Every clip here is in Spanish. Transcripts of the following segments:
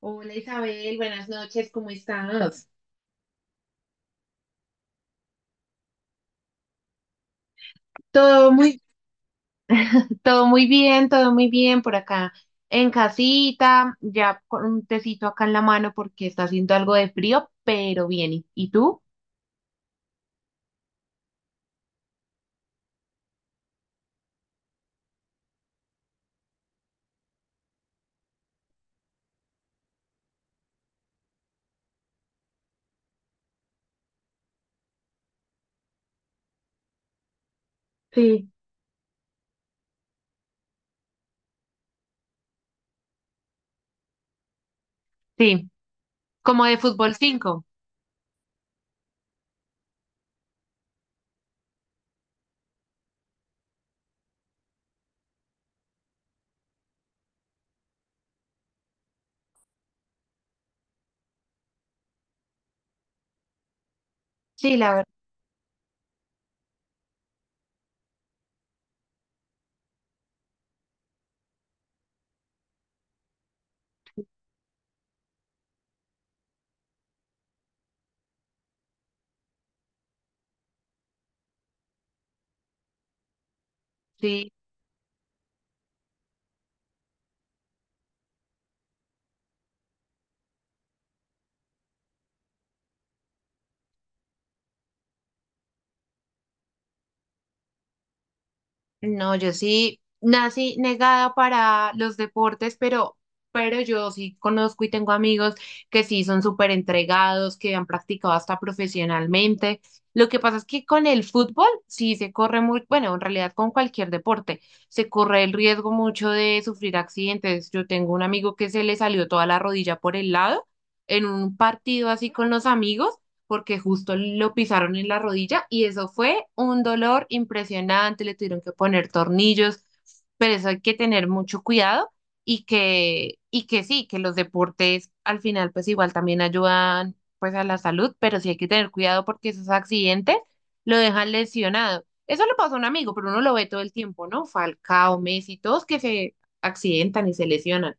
Hola Isabel, buenas noches, ¿cómo estás? Todo muy, todo muy bien por acá en casita, ya con un tecito acá en la mano porque está haciendo algo de frío, pero bien. ¿Y tú? Sí. Sí, como de fútbol 5. Sí, la verdad. No, yo sí nací negada para los deportes, pero yo sí conozco y tengo amigos que sí son súper entregados, que han practicado hasta profesionalmente. Lo que pasa es que con el fútbol sí se corre muy, bueno, en realidad con cualquier deporte, se corre el riesgo mucho de sufrir accidentes. Yo tengo un amigo que se le salió toda la rodilla por el lado en un partido así con los amigos porque justo lo pisaron en la rodilla y eso fue un dolor impresionante, le tuvieron que poner tornillos, pero eso hay que tener mucho cuidado y que sí, que los deportes al final pues igual también ayudan pues a la salud, pero sí hay que tener cuidado porque esos accidentes lo dejan lesionado. Eso le pasó a un amigo, pero uno lo ve todo el tiempo, ¿no? Falcao, Messi, todos que se accidentan y se lesionan.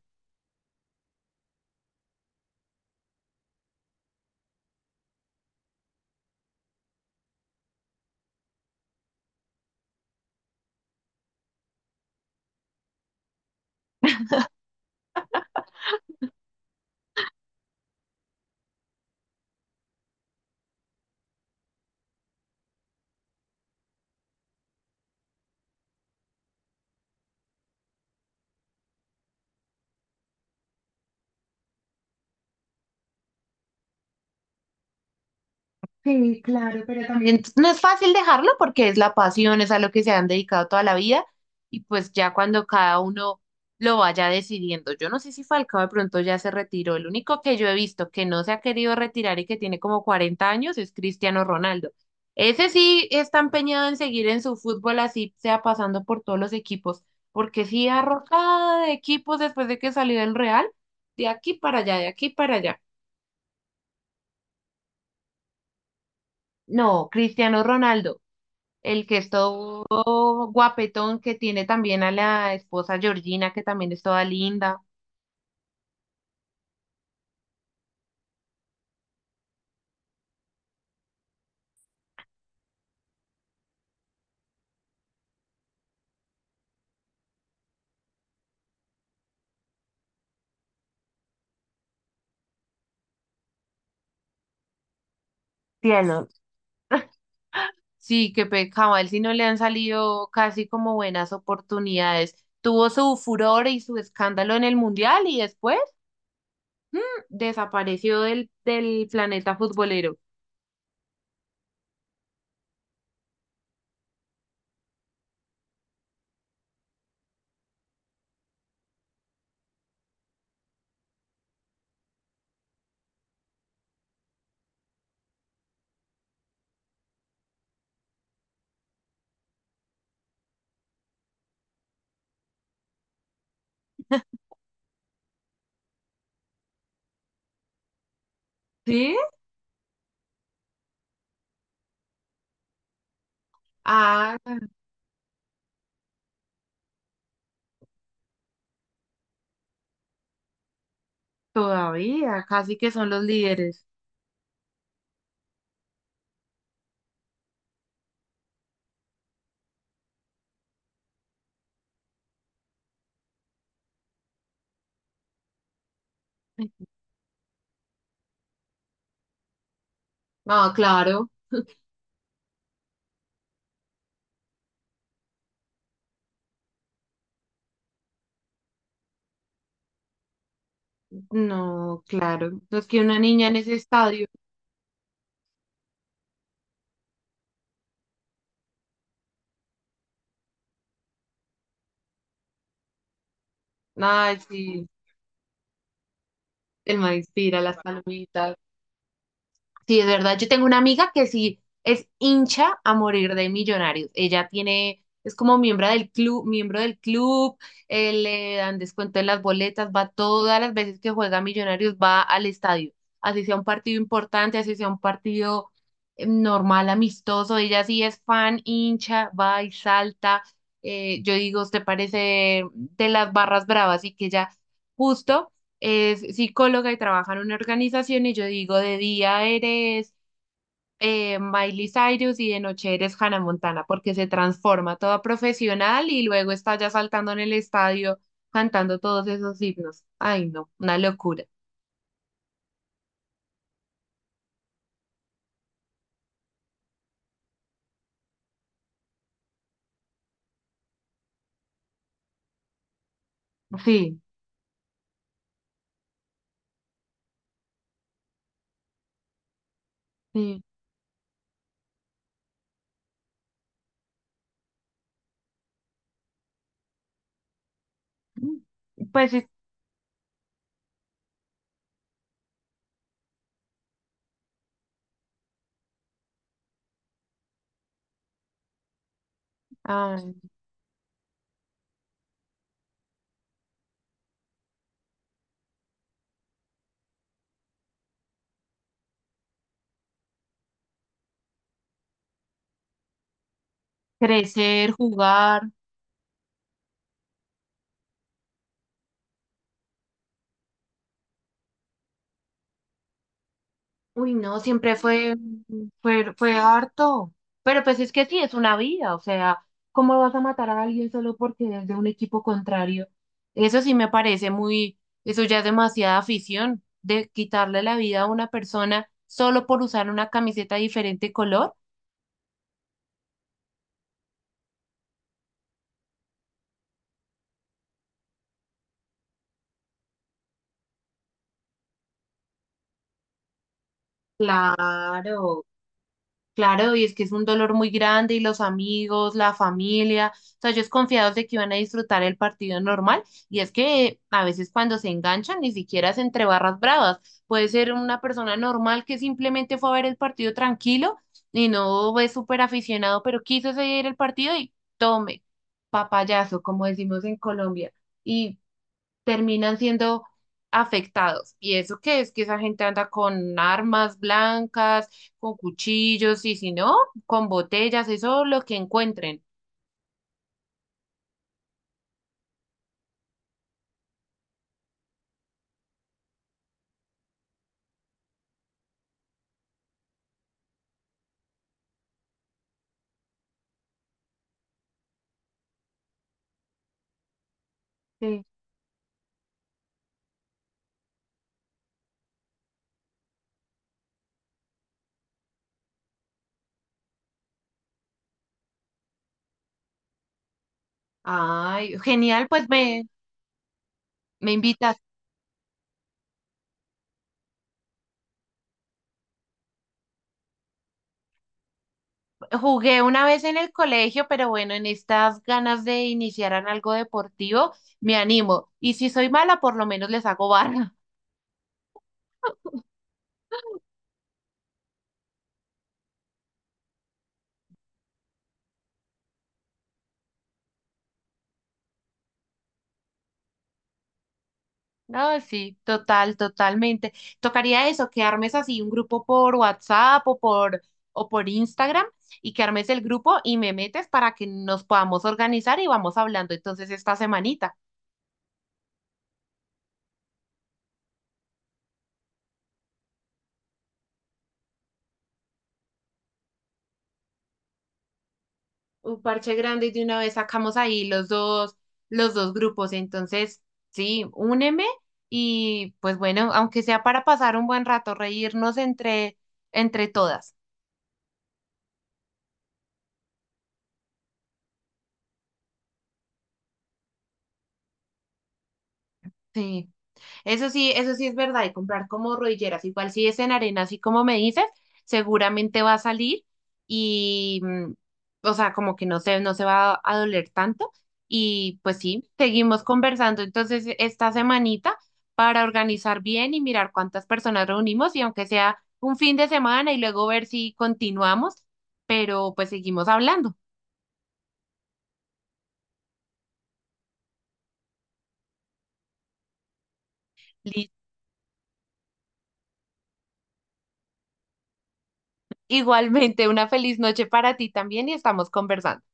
También no es fácil dejarlo porque es la pasión, es a lo que se han dedicado toda la vida y pues ya cuando cada uno lo vaya decidiendo. Yo no sé si Falcao de pronto ya se retiró. El único que yo he visto que no se ha querido retirar y que tiene como 40 años es Cristiano Ronaldo. Ese sí está empeñado en seguir en su fútbol así sea pasando por todos los equipos, porque sí arrojada de equipos después de que salió del Real, de aquí para allá, de aquí para allá. No, Cristiano Ronaldo, el que es todo guapetón, que tiene también a la esposa Georgina, que también es toda linda. Cielo. Sí, que cabal, si no le han salido casi como buenas oportunidades. Tuvo su furor y su escándalo en el mundial y después desapareció del planeta futbolero. ¿Sí? Ah, todavía, casi que son los líderes. Ah, claro, no, claro. No es que una niña en ese estadio, ay, sí, el man inspira las palomitas. Sí, es verdad. Yo tengo una amiga que sí es hincha a morir de Millonarios. Ella tiene, es como miembro del club, le dan descuento en las boletas, va todas las veces que juega Millonarios, va al estadio. Así sea un partido importante, así sea un partido normal, amistoso. Ella sí es fan, hincha, va y salta. Yo digo, ¿te parece de las barras bravas? Y que ella justo es psicóloga y trabaja en una organización y yo digo, de día eres Miley Cyrus y de noche eres Hannah Montana, porque se transforma toda profesional y luego está ya saltando en el estadio cantando todos esos himnos. Ay, no, una locura. Sí, sí. Pues es- Ay, crecer, jugar. Uy, no, fue harto. Pero pues es que sí, es una vida. O sea, ¿cómo vas a matar a alguien solo porque es de un equipo contrario? Eso sí me parece muy, eso ya es demasiada afición, de quitarle la vida a una persona solo por usar una camiseta de diferente color. Claro. Claro, y es que es un dolor muy grande y los amigos, la familia, o sea, ellos confiados de que iban a disfrutar el partido normal y es que a veces cuando se enganchan ni siquiera es entre barras bravas, puede ser una persona normal que simplemente fue a ver el partido tranquilo y no es súper aficionado, pero quiso seguir el partido y tome, papayazo, como decimos en Colombia. Y terminan siendo afectados. ¿Y eso qué es? Que esa gente anda con armas blancas, con cuchillos y si no, con botellas, eso lo que encuentren. Sí. Ay, genial, me invitas. Jugué una vez en el colegio, pero bueno, en estas ganas de iniciar en algo deportivo, me animo. Y si soy mala, por lo menos les hago barra. No, sí, total, totalmente. Tocaría eso, que armes así un grupo por WhatsApp o por Instagram y que armes el grupo y me metes para que nos podamos organizar y vamos hablando entonces esta semanita. Un parche grande y de una vez sacamos ahí los dos grupos. Entonces, sí, úneme y pues bueno, aunque sea para pasar un buen rato, reírnos entre todas. Sí. Eso sí es verdad, y comprar como rodilleras, igual si es en arena, así como me dices, seguramente va a salir y, o sea, como que no se va a doler tanto. Y pues sí, seguimos conversando entonces esta semanita para organizar bien y mirar cuántas personas reunimos y aunque sea un fin de semana y luego ver si continuamos, pero pues seguimos hablando. Listo. Igualmente, una feliz noche para ti también y estamos conversando.